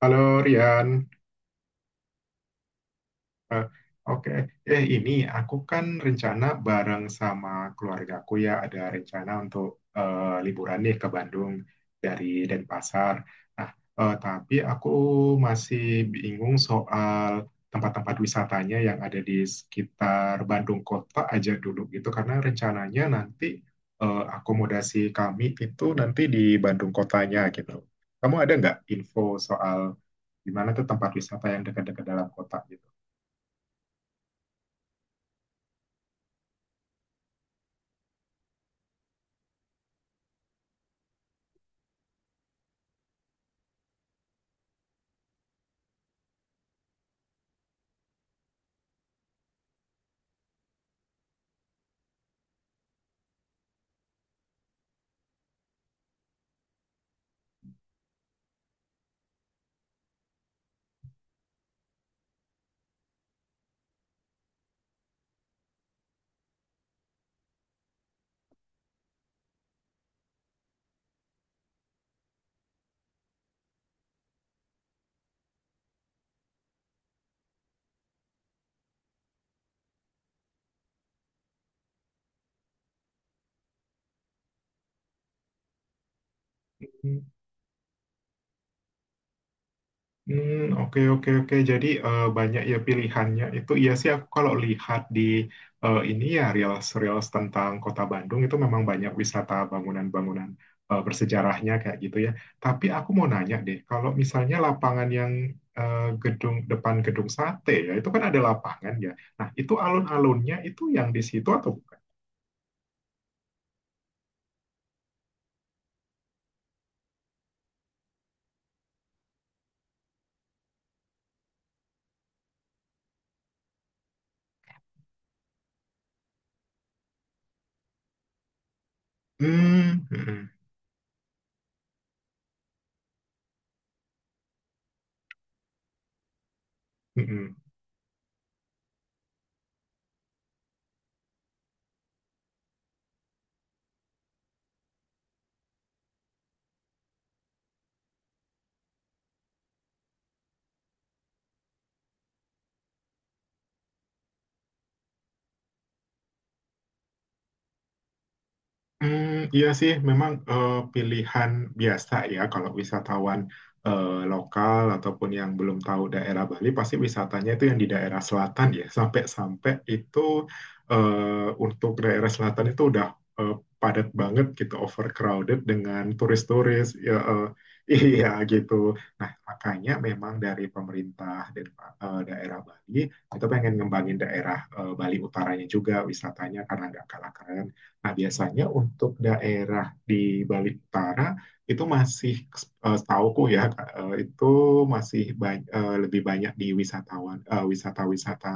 Halo Rian. Eh, oke. Ini aku kan rencana bareng sama keluargaku ya, ada rencana untuk liburan nih ke Bandung dari Denpasar. Nah, tapi aku masih bingung soal tempat-tempat wisatanya yang ada di sekitar Bandung kota aja dulu gitu, karena rencananya nanti akomodasi kami itu nanti di Bandung kotanya gitu. Kamu ada nggak info soal di mana tuh tempat wisata yang dekat-dekat dalam kota gitu? Hmm, oke oke oke. Jadi, banyak ya pilihannya. Itu iya sih, aku kalau lihat di ini ya reels-reels tentang Kota Bandung itu memang banyak wisata bangunan-bangunan bersejarahnya kayak gitu ya. Tapi aku mau nanya deh, kalau misalnya lapangan yang gedung depan gedung sate ya, itu kan ada lapangan ya. Nah, itu alun-alunnya itu yang di situ atau bukan? Hmm. Mm-mm. Hmm, iya sih, memang pilihan biasa ya kalau wisatawan lokal ataupun yang belum tahu daerah Bali, pasti wisatanya itu yang di daerah selatan ya. Sampai-sampai itu, untuk daerah selatan itu udah eh, padat banget gitu, overcrowded dengan turis-turis. Ya, iya gitu. Nah, makanya memang dari pemerintah dan daerah Bali itu pengen ngembangin daerah Bali utaranya juga wisatanya, karena nggak kalah keren. Nah, biasanya untuk daerah di Bali Utara itu masih, setauku ya, itu masih lebih banyak di wisatawan, wisata-wisata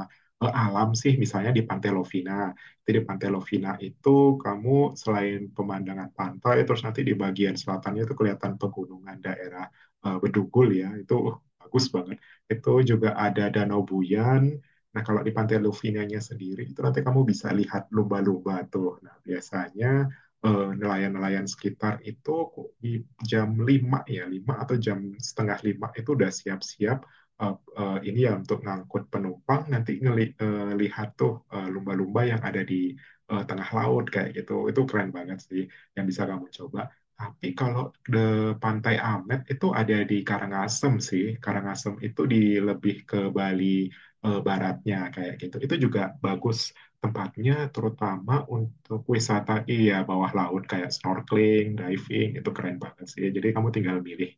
alam sih, misalnya di Pantai Lovina. Jadi di Pantai Lovina itu, kamu selain pemandangan pantai terus nanti di bagian selatannya itu kelihatan pegunungan daerah Bedugul ya. Itu bagus banget. Itu juga ada Danau Buyan. Nah, kalau di Pantai Lufinanya sendiri, itu nanti kamu bisa lihat lumba-lumba tuh. Nah, biasanya nelayan-nelayan sekitar itu di jam 5 ya, 5 atau jam setengah 5 itu udah siap-siap, eh, ini ya untuk ngangkut penumpang, nanti ngelihat tuh lumba-lumba yang ada di tengah laut kayak gitu. Itu keren banget sih yang bisa kamu coba. Tapi kalau di Pantai Amet itu ada di Karangasem sih. Karangasem itu di lebih ke Bali baratnya kayak gitu. Itu juga bagus tempatnya, terutama untuk wisata iya bawah laut kayak snorkeling, diving itu keren banget sih. Jadi kamu tinggal milih.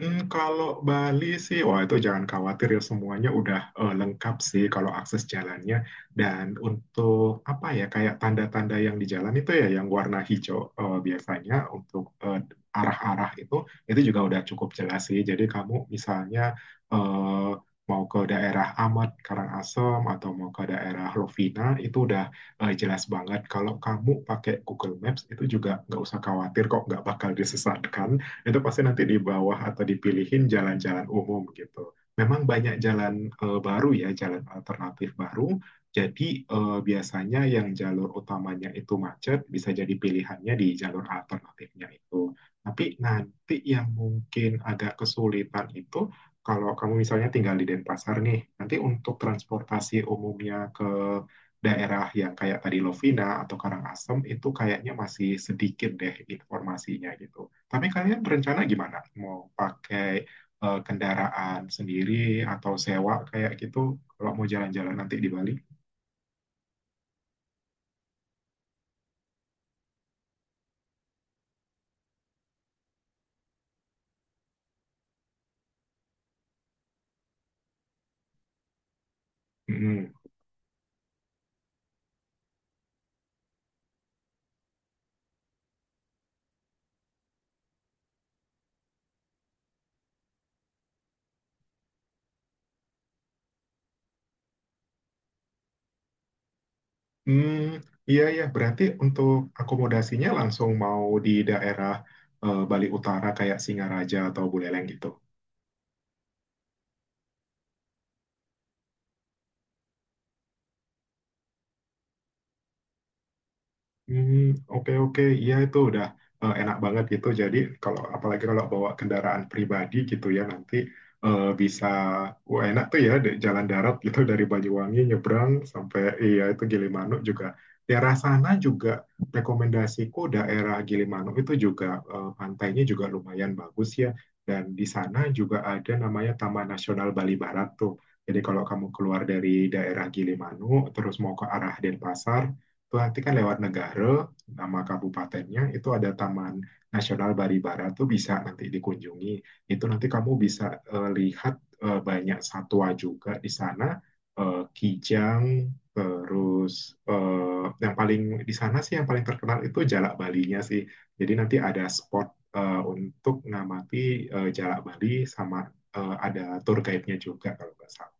Kalau Bali sih, wah itu jangan khawatir ya, semuanya udah lengkap sih kalau akses jalannya. Dan untuk apa ya, kayak tanda-tanda yang di jalan itu ya yang warna hijau biasanya untuk arah-arah itu juga udah cukup jelas sih. Jadi kamu misalnya eh, mau ke daerah Amat Karangasem atau mau ke daerah Lovina itu udah jelas banget. Kalau kamu pakai Google Maps itu juga nggak usah khawatir kok, nggak bakal disesatkan. Itu pasti nanti di bawah atau dipilihin jalan-jalan umum gitu. Memang banyak jalan baru ya, jalan alternatif baru. Jadi biasanya yang jalur utamanya itu macet, bisa jadi pilihannya di jalur alternatifnya itu. Tapi nanti yang mungkin agak kesulitan itu kalau kamu misalnya tinggal di Denpasar nih, nanti untuk transportasi umumnya ke daerah yang kayak tadi Lovina atau Karangasem itu kayaknya masih sedikit deh informasinya gitu. Tapi kalian berencana gimana? Mau pakai kendaraan sendiri atau sewa kayak gitu kalau mau jalan-jalan nanti di Bali? Mm. Hmm, iya ya, berarti untuk akomodasinya langsung mau di daerah Bali Utara kayak Singaraja atau Buleleng gitu? Hmm, oke oke, iya itu udah enak banget gitu. Jadi kalau apalagi kalau bawa kendaraan pribadi gitu ya nanti bisa, wah enak tuh ya di jalan darat gitu dari Banyuwangi nyebrang sampai iya itu Gilimanuk juga. Daerah sana juga rekomendasiku, daerah Gilimanuk itu juga pantainya juga lumayan bagus ya. Dan di sana juga ada namanya Taman Nasional Bali Barat tuh. Jadi kalau kamu keluar dari daerah Gilimanuk terus mau ke arah Denpasar, itu nanti kan lewat negara, nama kabupatennya, itu ada Taman Nasional Baribara tuh, bisa nanti dikunjungi. Itu nanti kamu bisa lihat banyak satwa juga di sana, kijang, terus yang paling di sana sih yang paling terkenal itu Jalak Balinya sih. Jadi nanti ada spot untuk ngamati Jalak Bali, sama ada tour guide-nya juga kalau nggak salah.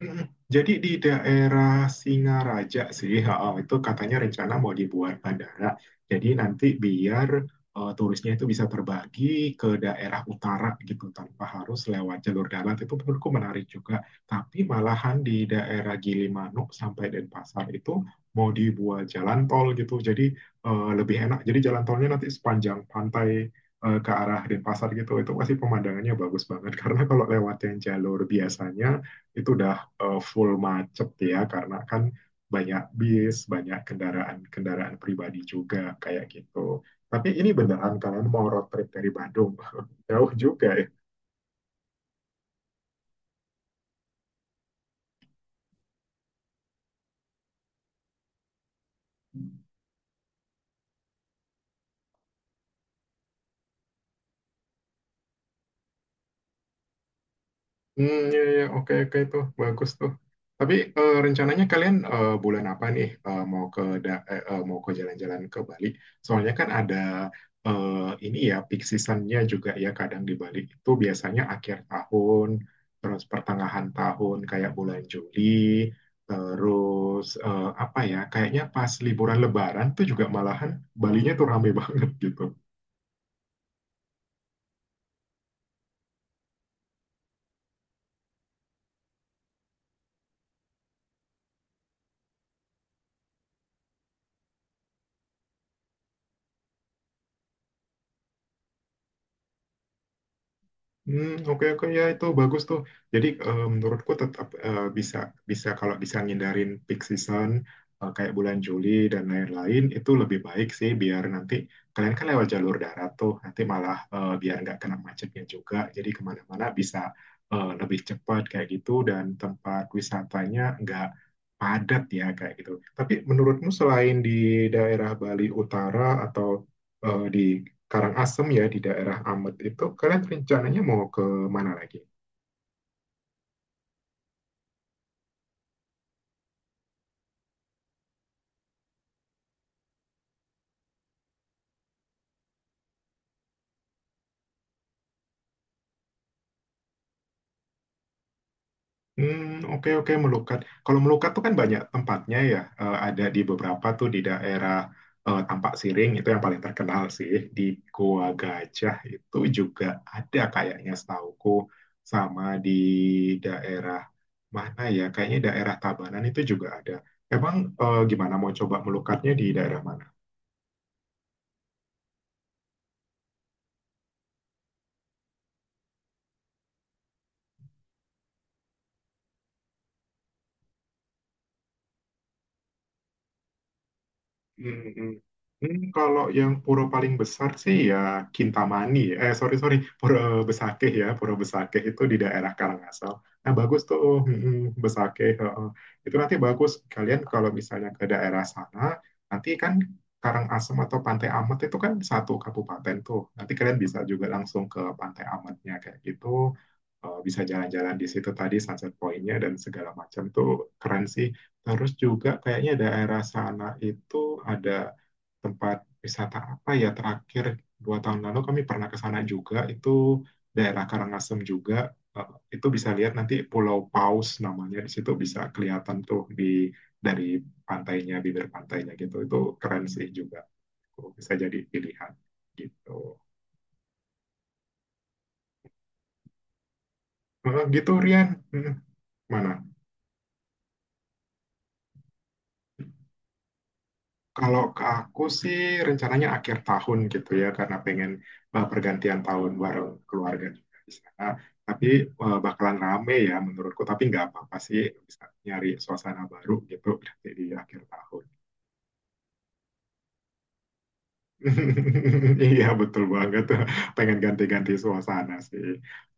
Jadi di daerah Singaraja sih, ha, itu katanya rencana mau dibuat bandara. Jadi nanti biar turisnya itu bisa terbagi ke daerah utara gitu tanpa harus lewat jalur darat. Itu menurutku menarik juga. Tapi malahan di daerah Gilimanuk sampai Denpasar itu mau dibuat jalan tol gitu. Jadi lebih enak. Jadi jalan tolnya nanti sepanjang pantai ke arah Denpasar gitu. Itu pasti pemandangannya bagus banget. Karena kalau lewat yang jalur biasanya itu udah full macet ya, karena kan banyak bis, banyak kendaraan-kendaraan pribadi juga kayak gitu. Tapi ini beneran kalian mau road trip dari Bandung? Jauh juga ya. Hmm, ya, ya, oke, oke tuh, bagus tuh. Tapi rencananya kalian bulan apa nih, eh, mau ke da- eh, eh, mau ke jalan-jalan ke Bali? Soalnya kan ada eh, ini ya peak seasonnya juga ya, kadang di Bali itu biasanya akhir tahun, terus pertengahan tahun kayak bulan Juli, terus apa ya? Kayaknya pas liburan Lebaran tuh juga malahan Balinya tuh rame banget gitu. Hmm, oke oke, ya itu bagus tuh. Jadi menurutku tetap bisa bisa kalau bisa ngindarin peak season, kayak bulan Juli dan lain-lain itu lebih baik sih, biar nanti kalian kan lewat jalur darat tuh nanti malah biar nggak kena macetnya juga. Jadi kemana-mana bisa lebih cepat kayak gitu dan tempat wisatanya nggak padat ya kayak gitu. Tapi menurutmu selain di daerah Bali Utara atau di Karangasem ya, di daerah Amet itu kalian rencananya mau ke mana lagi? Hmm, oke oke, Melukat. Kalau Melukat tuh kan banyak tempatnya ya. Ada di beberapa tuh, di daerah Tampak Siring itu yang paling terkenal sih. Di Goa Gajah itu juga ada kayaknya setauku, sama di daerah mana ya? Kayaknya daerah Tabanan itu juga ada. Emang gimana, mau coba Melukatnya di daerah mana? Hmm, hmm. Kalau yang pura paling besar sih ya Kintamani. Sorry sorry, pura Besakeh ya, pura Besakeh itu di daerah Karangasem. Nah bagus tuh, hmm, hmm, Besakeh. Heeh. Itu nanti bagus. Kalian kalau misalnya ke daerah sana, nanti kan Karangasem atau Pantai Amet itu kan satu kabupaten tuh. Nanti kalian bisa juga langsung ke Pantai Ametnya kayak gitu. Bisa jalan-jalan di situ, tadi sunset pointnya dan segala macam tuh keren sih. Terus juga kayaknya daerah sana itu ada tempat wisata apa ya, terakhir 2 tahun lalu kami pernah ke sana juga, itu daerah Karangasem juga. Eh, itu bisa lihat nanti Pulau Paus namanya, di situ bisa kelihatan tuh di dari pantainya, bibir pantainya gitu, itu keren sih juga, bisa jadi pilihan gitu. Gitu Rian. Mana. Kalau ke aku sih rencananya akhir tahun gitu ya, karena pengen pergantian tahun bareng keluarga juga di sana. Tapi bakalan rame ya menurutku. Tapi nggak apa-apa sih, bisa nyari suasana baru gitu berarti di akhir tahun. Iya betul banget. Pengen ganti-ganti suasana sih.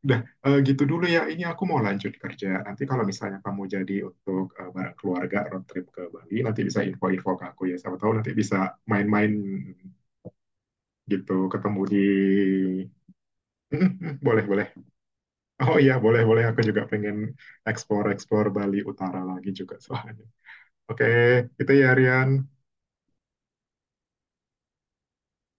Udah gitu dulu ya. Ini aku mau lanjut kerja. Nanti kalau misalnya kamu jadi untuk bareng keluarga road trip ke Bali, nanti bisa info-info ke aku ya. Siapa tahu nanti bisa main-main gitu ketemu di boleh boleh. Oh iya boleh boleh, aku juga pengen explore explore Bali Utara lagi juga soalnya. Oke, itu ya Rian.